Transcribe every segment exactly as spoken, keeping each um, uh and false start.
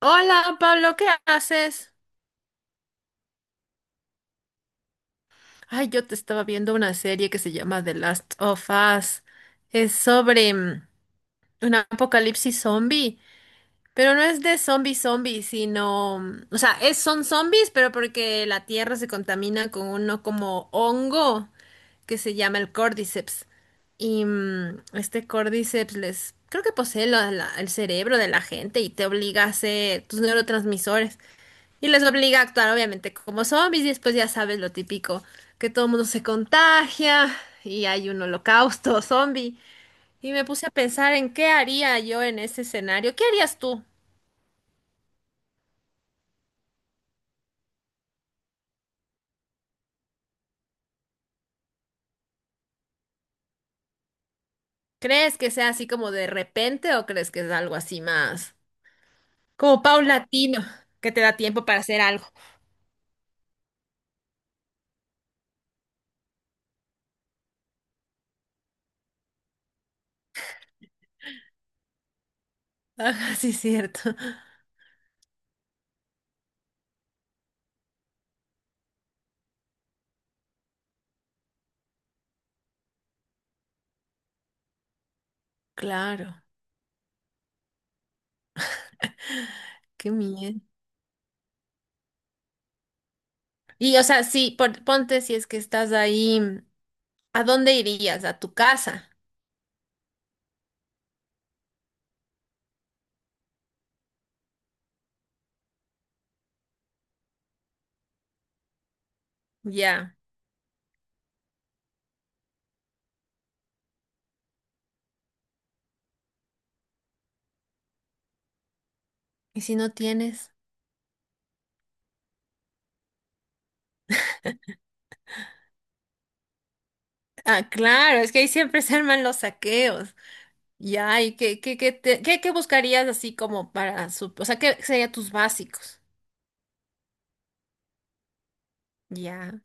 Hola Pablo, ¿qué haces? Ay, yo te estaba viendo una serie que se llama The Last of Us. Es sobre mm, un apocalipsis zombie, pero no es de zombie zombie, sino, mm, o sea, es, son zombies, pero porque la tierra se contamina con uno como hongo que se llama el Cordyceps. Y mm, este Cordyceps les, creo que posee la- la- el cerebro de la gente y te obliga a hacer tus neurotransmisores. Y les obliga a actuar, obviamente, como zombies. Y después ya sabes lo típico, que todo el mundo se contagia y hay un holocausto zombie. Y me puse a pensar en qué haría yo en ese escenario. ¿Qué harías tú? ¿Crees que sea así como de repente o crees que es algo así más como paulatino, que te da tiempo para hacer algo? Ah, sí, cierto. Claro, qué miedo. Y o sea, sí, pon- ponte si es que estás ahí, ¿a dónde irías? ¿A tu casa? Ya. ¿Y si no tienes? Ah, claro, es que ahí siempre se arman los saqueos. Ya, ¿y qué, qué, qué, te- qué, qué buscarías así como para su... O sea, ¿qué serían tus básicos? Ya,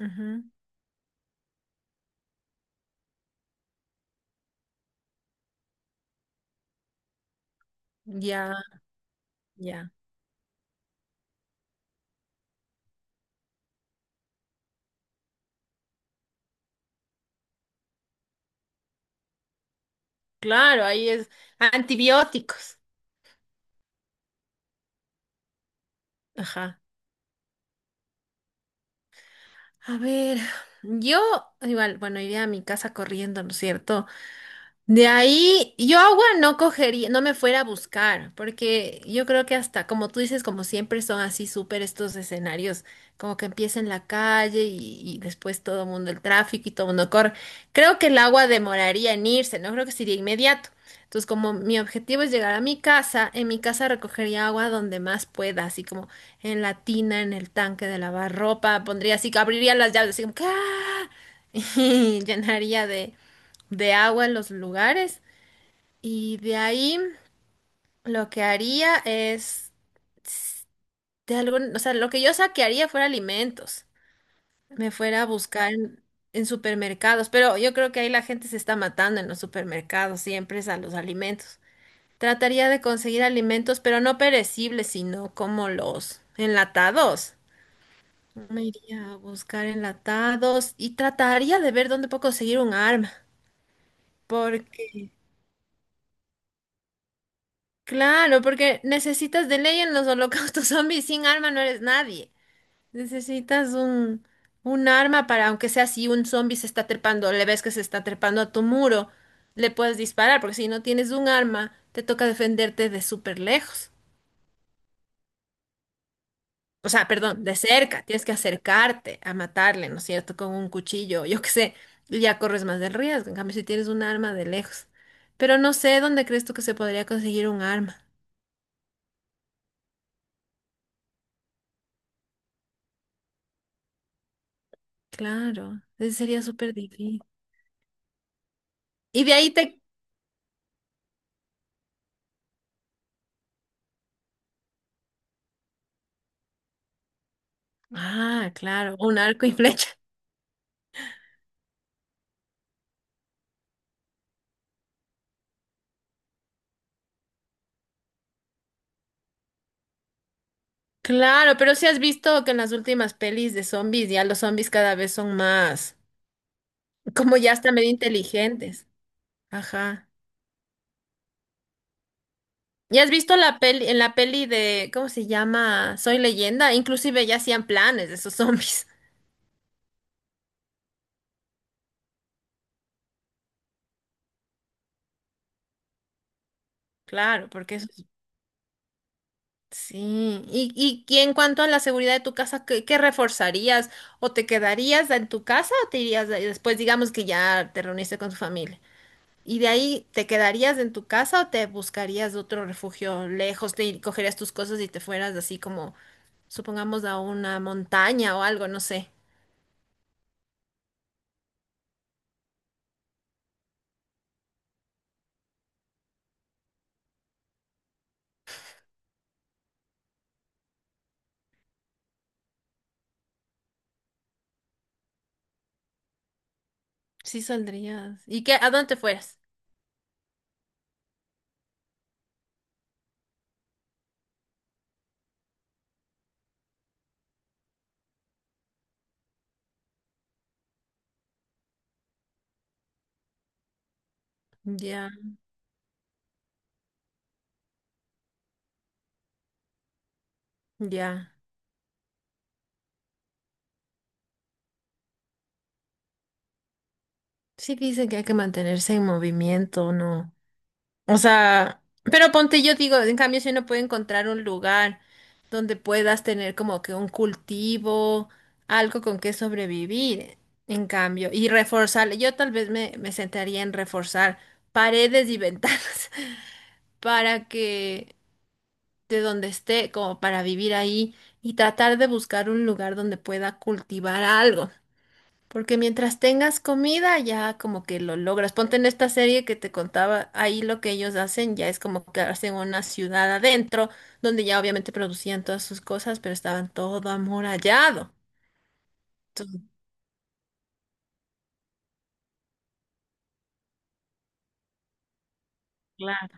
ujú, ya, ya. Claro, ahí es antibióticos. Ajá. A ver, yo igual, bueno, iría a mi casa corriendo, ¿no es cierto? De ahí, yo agua no cogería, no me fuera a buscar, porque yo creo que hasta, como tú dices, como siempre son así súper estos escenarios, como que empieza en la calle y, y después todo el mundo, el tráfico y todo el mundo corre. Creo que el agua demoraría en irse, no creo que sería inmediato. Entonces, como mi objetivo es llegar a mi casa, en mi casa recogería agua donde más pueda, así como en la tina, en el tanque de lavar ropa, pondría así, que abriría las llaves, así como que ¡ah! y llenaría de de agua en los lugares. Y de ahí lo que haría es, s- de algún, o sea, lo que yo saquearía fuera alimentos. Me fuera a buscar en, en supermercados, pero yo creo que ahí la gente se está matando en los supermercados, siempre es a los alimentos. Trataría de conseguir alimentos, pero no perecibles, sino como los enlatados. Me iría a buscar enlatados y trataría de ver dónde puedo conseguir un arma, porque claro, porque necesitas de ley en los holocaustos zombies, sin arma no eres nadie. Necesitas un, un arma para, aunque sea si un zombie se está trepando, le ves que se está trepando a tu muro, le puedes disparar, porque si no tienes un arma, te toca defenderte de súper lejos. O sea, perdón, de cerca, tienes que acercarte a matarle, ¿no es cierto? Con un cuchillo, yo qué sé, y ya corres más de riesgo. En cambio, si tienes un arma de lejos. Pero no sé dónde crees tú que se podría conseguir un arma. Claro, ese sería súper difícil. Y de ahí te... Ah, claro, un arco y flecha. Claro, pero si has visto que en las últimas pelis de zombies ya los zombies cada vez son más, como ya están medio inteligentes. Ajá. ¿Ya has visto la peli, en la peli de, ¿cómo se llama? Soy Leyenda, inclusive ya hacían planes de esos zombies. Claro, porque eso... Sí. Y, y, y en cuanto a la seguridad de tu casa, ¿qué, qué reforzarías? ¿O te quedarías en tu casa o te irías de- después, digamos que ya te reuniste con tu familia? ¿Y de ahí te quedarías en tu casa o te buscarías otro refugio lejos? ¿Te cogerías tus cosas y te fueras así como, supongamos, a una montaña o algo? No sé. Sí saldrías. ¿Y qué? ¿A dónde te fueras? Ya, ya. Sí dicen que hay que mantenerse en movimiento, ¿no? O sea, pero ponte, yo digo, en cambio, si uno puede encontrar un lugar donde puedas tener como que un cultivo, algo con que sobrevivir, en cambio, y reforzar, yo tal vez me, me sentaría en reforzar paredes y ventanas para que de donde esté, como para vivir ahí y tratar de buscar un lugar donde pueda cultivar algo. Porque mientras tengas comida, ya como que lo logras. Ponte en esta serie que te contaba, ahí lo que ellos hacen ya es como que hacen una ciudad adentro, donde ya obviamente producían todas sus cosas, pero estaban todo amurallado. Entonces, claro.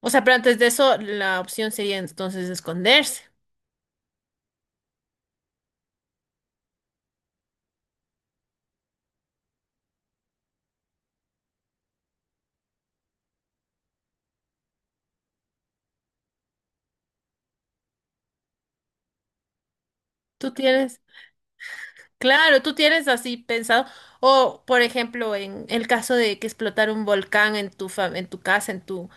O sea, pero antes de eso, la opción sería entonces esconderse. Tú tienes, claro, tú tienes así pensado. O, por ejemplo, en el caso de que explotar un volcán en tu fa- en tu casa, en tu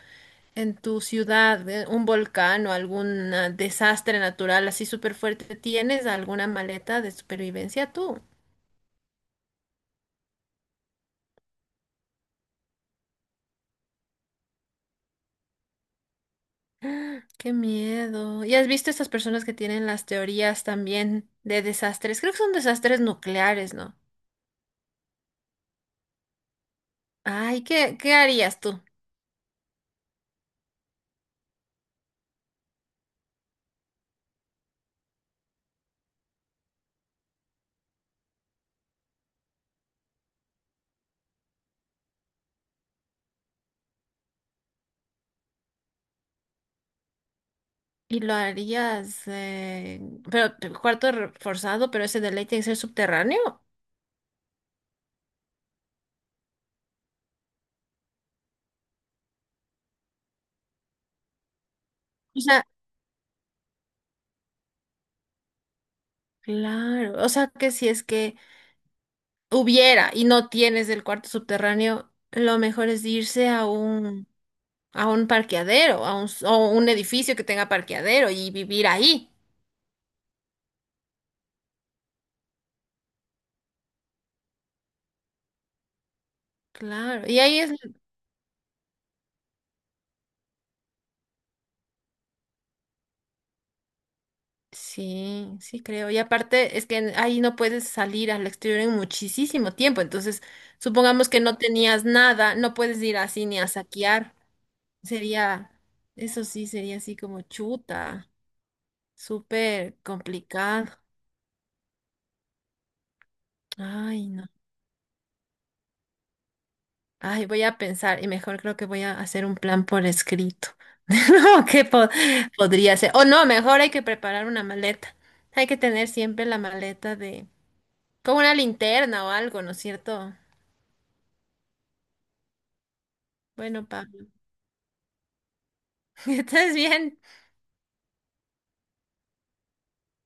en tu ciudad, eh, un volcán o algún ah, desastre natural así súper fuerte, ¿tienes alguna maleta de supervivencia tú? Qué miedo. ¿Y has visto estas personas que tienen las teorías también de desastres? Creo que son desastres nucleares, ¿no? Ay, ¿qué, qué harías tú? Y lo harías, eh, pero cuarto reforzado, pero ese de ley tiene que ser subterráneo. O sea, claro. O sea, que si es que hubiera y no tienes el cuarto subterráneo, lo mejor es irse a un, a un parqueadero, a un, s- o un edificio que tenga parqueadero y vivir ahí. Claro, y ahí es, sí, sí creo. Y aparte es que en- ahí no puedes salir al exterior en muchísimo tiempo. Entonces, supongamos que no tenías nada, no puedes ir así ni a saquear. Sería, eso sí, sería así como chuta, súper complicado. Ay, no. Ay, voy a pensar y mejor creo que voy a hacer un plan por escrito. No, ¿qué po- podría ser? O no, mejor hay que preparar una maleta. Hay que tener siempre la maleta de... con una linterna o algo, ¿no es cierto? Bueno, Pablo, estás bien.